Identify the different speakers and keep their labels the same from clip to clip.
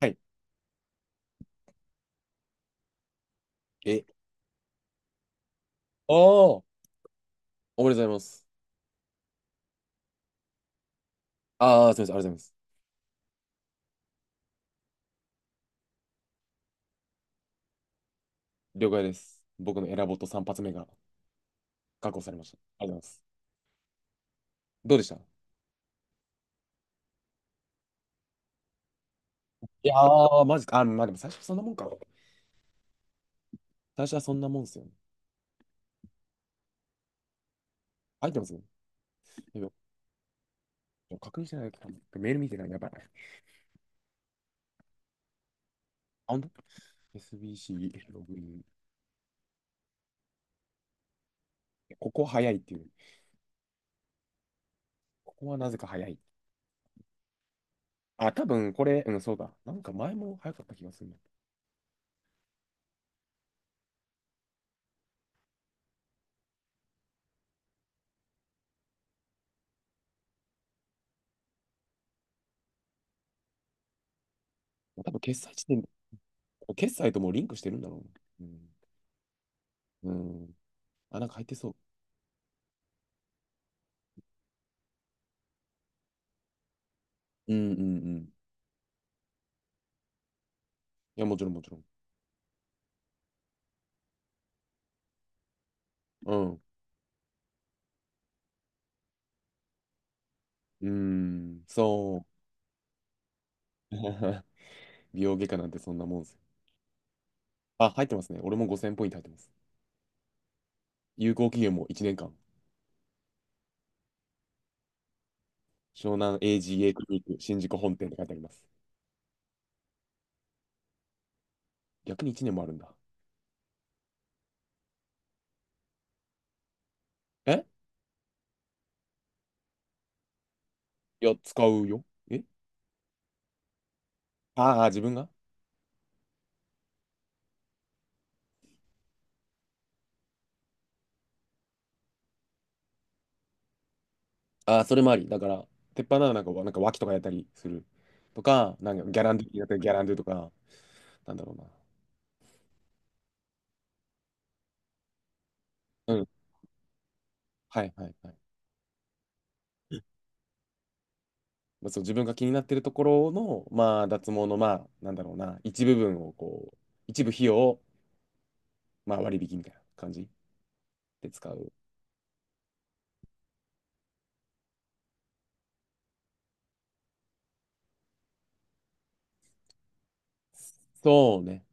Speaker 1: はい。え、ああ、おめでとうございます。ああ、すみません、ありがとうございます。了解です。僕のエラボット3発目が確保されました。ありがとうございます。どうでした。いやー、マジか。あ、まあでも最初そんなもんか。最初はそんなもんっすよね。入ってますね。やばい、確認してないかな。メール見てない。やばい。あ、ほんと ?SBC ログイン。ここ早いっていう。ここはなぜか早い。あ、多分これ、うん、そうだ。なんか前も早かった気がするな。多分決済地点、決済ともうリンクしてるんだろうな。うん。うん。あ、なんか入ってそう。うんうんうん。いや、もちろんもちろん。うん。うーん、そう。美容外科なんてそんなもんですよ。あ、入ってますね。俺も5000ポイント入ってます。有効期限も1年間。湘南 AGA クリニック新宿本店って書いてあります。逆に1年もあるんだ。え、いや、使うよ。え、ああー、自分が、ああー、それもあり。だから、鉄板ならなんか、なんか脇とかやったりする。とか、なんかギャランドゥやったりギャランドゥとか、なんだろうな。うん。はいはいはい。まあ、その自分が気になってるところの、まあ、脱毛の、まあ、なんだろうな、一部分をこう、一部費用を、まあ、割引みたいな感じで使う。そうね。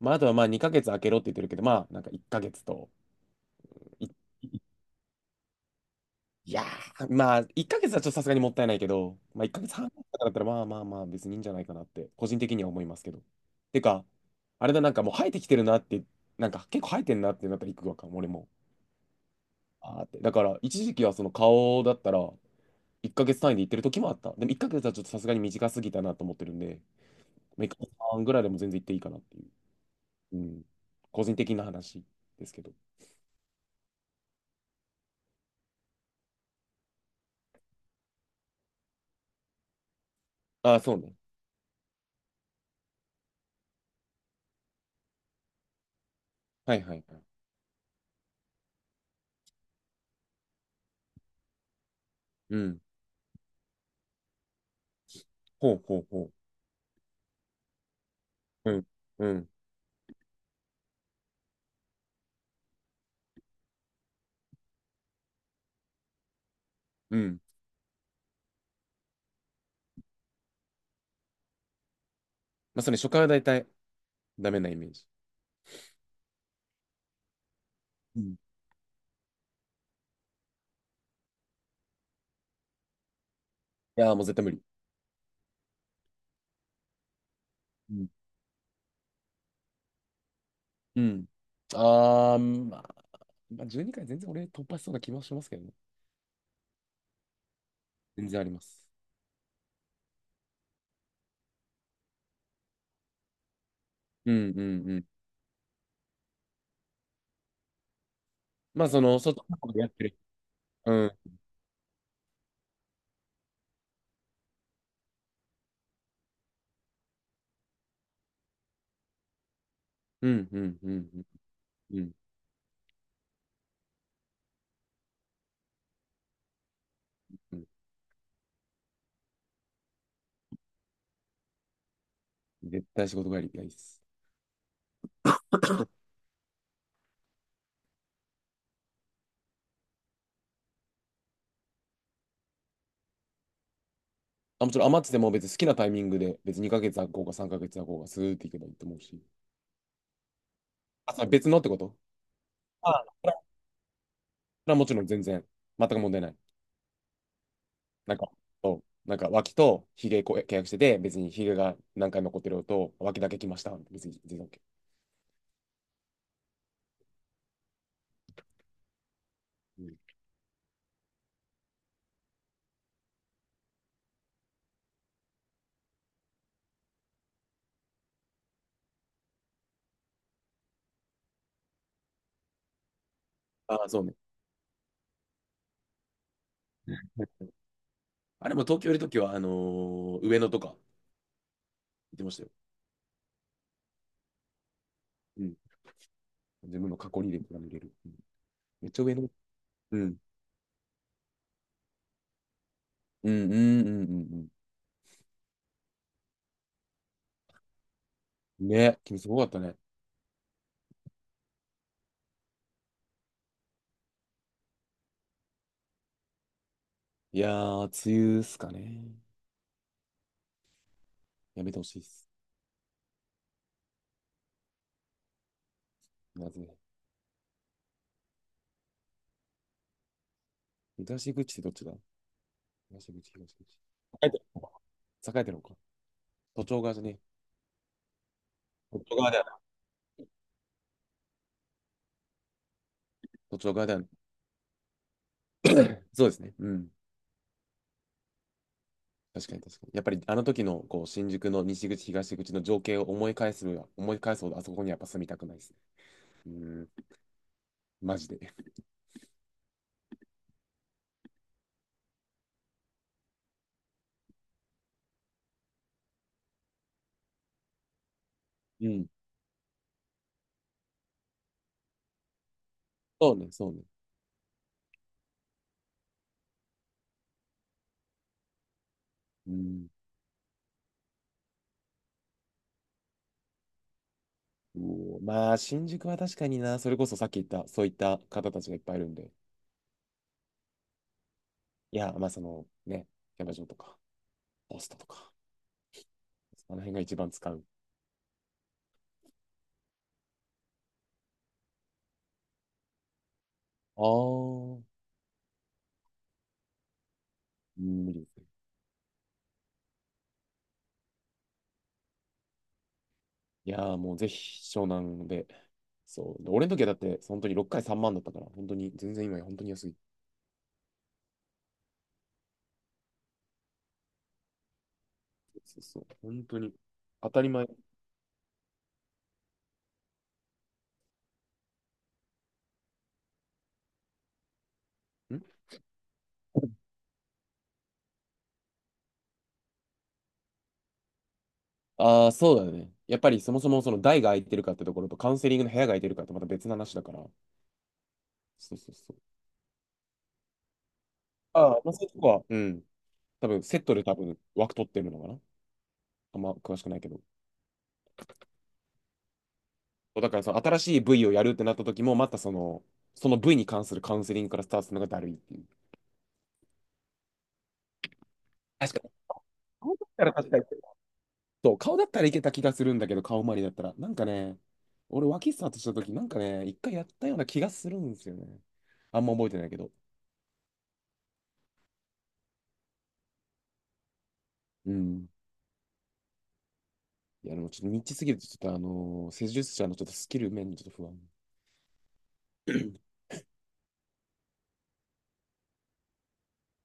Speaker 1: まあ、あとはまあ、2ヶ月空けろって言ってるけど、まあ、なんか1ヶ月と、い、いいやー、まあ、1ヶ月はちょっとさすがにもったいないけど、まあ、1ヶ月半とかだったら、まあまあまあ、別にいいんじゃないかなって、個人的には思いますけど。てか、あれだ、なんかもう生えてきてるなって、なんか結構生えてんなってなったら行くわかも、俺も。あーって。だから、一時期はその顔だったら、1ヶ月単位で行ってる時もあった。でも1ヶ月はちょっとさすがに短すぎたなと思ってるんで、まあ、1ヶ月半ぐらいでも全然行っていいかなっていう。うん。個人的な話ですけど。ああ、そうね。はいはいはい。うん。ほうほうほう。うん。うん。うん。まあ、それ初回は大体ダメなイメージ。うん。いやー、もう絶対無理。うん。うん。ああ、まあ、まあ、12回全然俺突破しそうな気もしますけどね。全然あります。うんうんうん。まあ、その、外のことやってる。うん。うんうんうんうん。うん。絶対仕事帰りたいです。あ、もちろん余ってても別に好きなタイミングで、別に2ヶ月空こうか3ヶ月空こうか、スーっていけばいいと思うし。あ、それ別のってこと、ああ、それはそれはもちろん全然、全く問題ない。なんか、そう、なんか脇とひげこ契約してて、別にひげが何回も残ってるのと、脇だけ来ました。別に全然 OK。うん、ああ、そうね。あれも東京いるときは、上野とか行ってましたよ。うん。自分の過去にでも見れる。うん。めっちゃ上野。うん。うんうんうんうん。うん。ね、君すごかったね。いやー、梅雨っすかね。やめてほしいっす。まずね。東口ってどっちだ。東口、東口。栄えてるのか。栄えてるのか。都庁側じゃねえ。都庁側だよな。都庁側だよな。そうですね。うん。確かに確かに。やっぱりあの時のこう新宿の西口、東口の情景を思い返すのは、思い返すほどあそこにやっぱ住みたくないですね。うん。マジで。うん。そうね、そうね。うん。うおまあ、新宿は確かにな、それこそさっき言った、そういった方たちがいっぱいいるんで。いや、まあそのね、キャバ嬢とか、ホストとか。あの辺が一番使う。あー。うん、無理ですね。いやーもうぜひ湘南で。そう。で俺の時はだって本当に6回3万だったから、本当に全然今や本当に安い。そうそう。本当に当たり前。ん、ああー、そうだよね。やっぱりそもそもその台が空いてるかってところとカウンセリングの部屋が空いてるかってまた別の話だから。そうそうそう。ああ、まあそういうとこは、うん。多分セットで多分枠取ってるのかな。あんま詳しくないけど。そうだからその新しい部位をやるってなった時も、またその、その部位に関するカウンセリングからスタートするのがだるいっていう。確かに。顔だったら確かに。そう、顔だったらいけた気がするんだけど、顔周りだったら。なんかね、俺、脇スタートした時なんかね、一回やったような気がするんですよね。あんま覚えてないけど。うん。いや、でもちょっとニッチすぎると、ちょっと施術者のちょっとスキル面にちょっと不安。い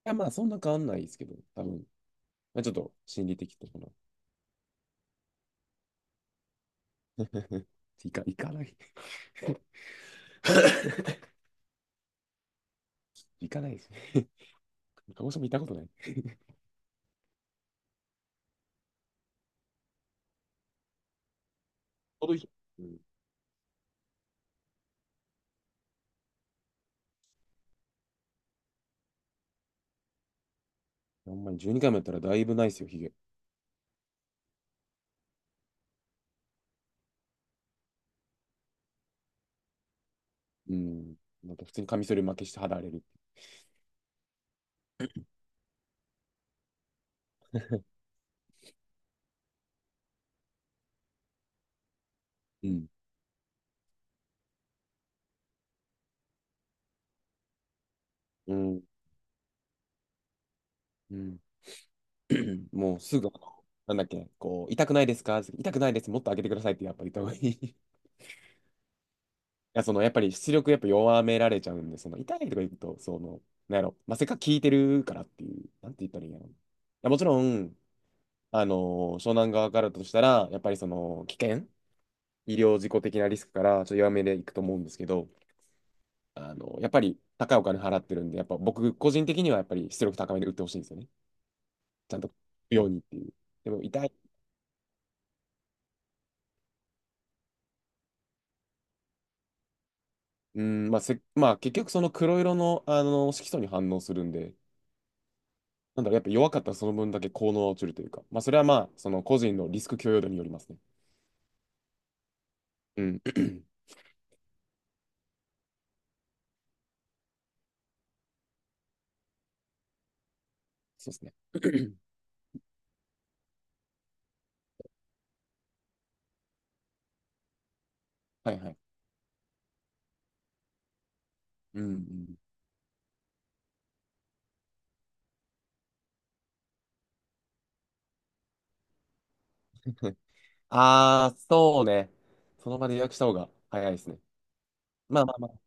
Speaker 1: や、まあ、そんな変わんないですけど、多分。まあ、ちょっと心理的とかな。いか、いかない。いかないですね。鹿児島行ったことない。ちょうどいい。うん。ほんまに12回もやったらだいぶないですよ、ヒゲ。うん。なんか普通にカミソリ負けして肌荒れる。うんうんうん もうすぐ、なんだっけ、こう、痛くないですか？痛くないです。もっと上げてくださいってやっぱり言った方がいい。いや、その、やっぱり出力やっぱ弱められちゃうんで、その、痛いとか言うと、その、なんやろ、まあ、せっかく効いてるからっていう、なんて言ったらいいんやろ。いや、もちろん、あの湘南側からだとしたら、やっぱりその、危険、医療事故的なリスクから、ちょっと弱めでいくと思うんですけど、やっぱり高いお金払ってるんで、やっぱ僕個人的にはやっぱり出力高めで打ってほしいんですよね。ちゃんとようにっていう。でも痛い。うん、まあせ、まあ結局その黒色の、あの色素に反応するんで、なんだろう、やっぱ弱かったらその分だけ効能は落ちるというか、まあそれはまあ、その個人のリスク許容度によりますね。うん。そうですね。はいはい。うんうん。ああ、そうね。その場で予約した方が早いですね。まあまあ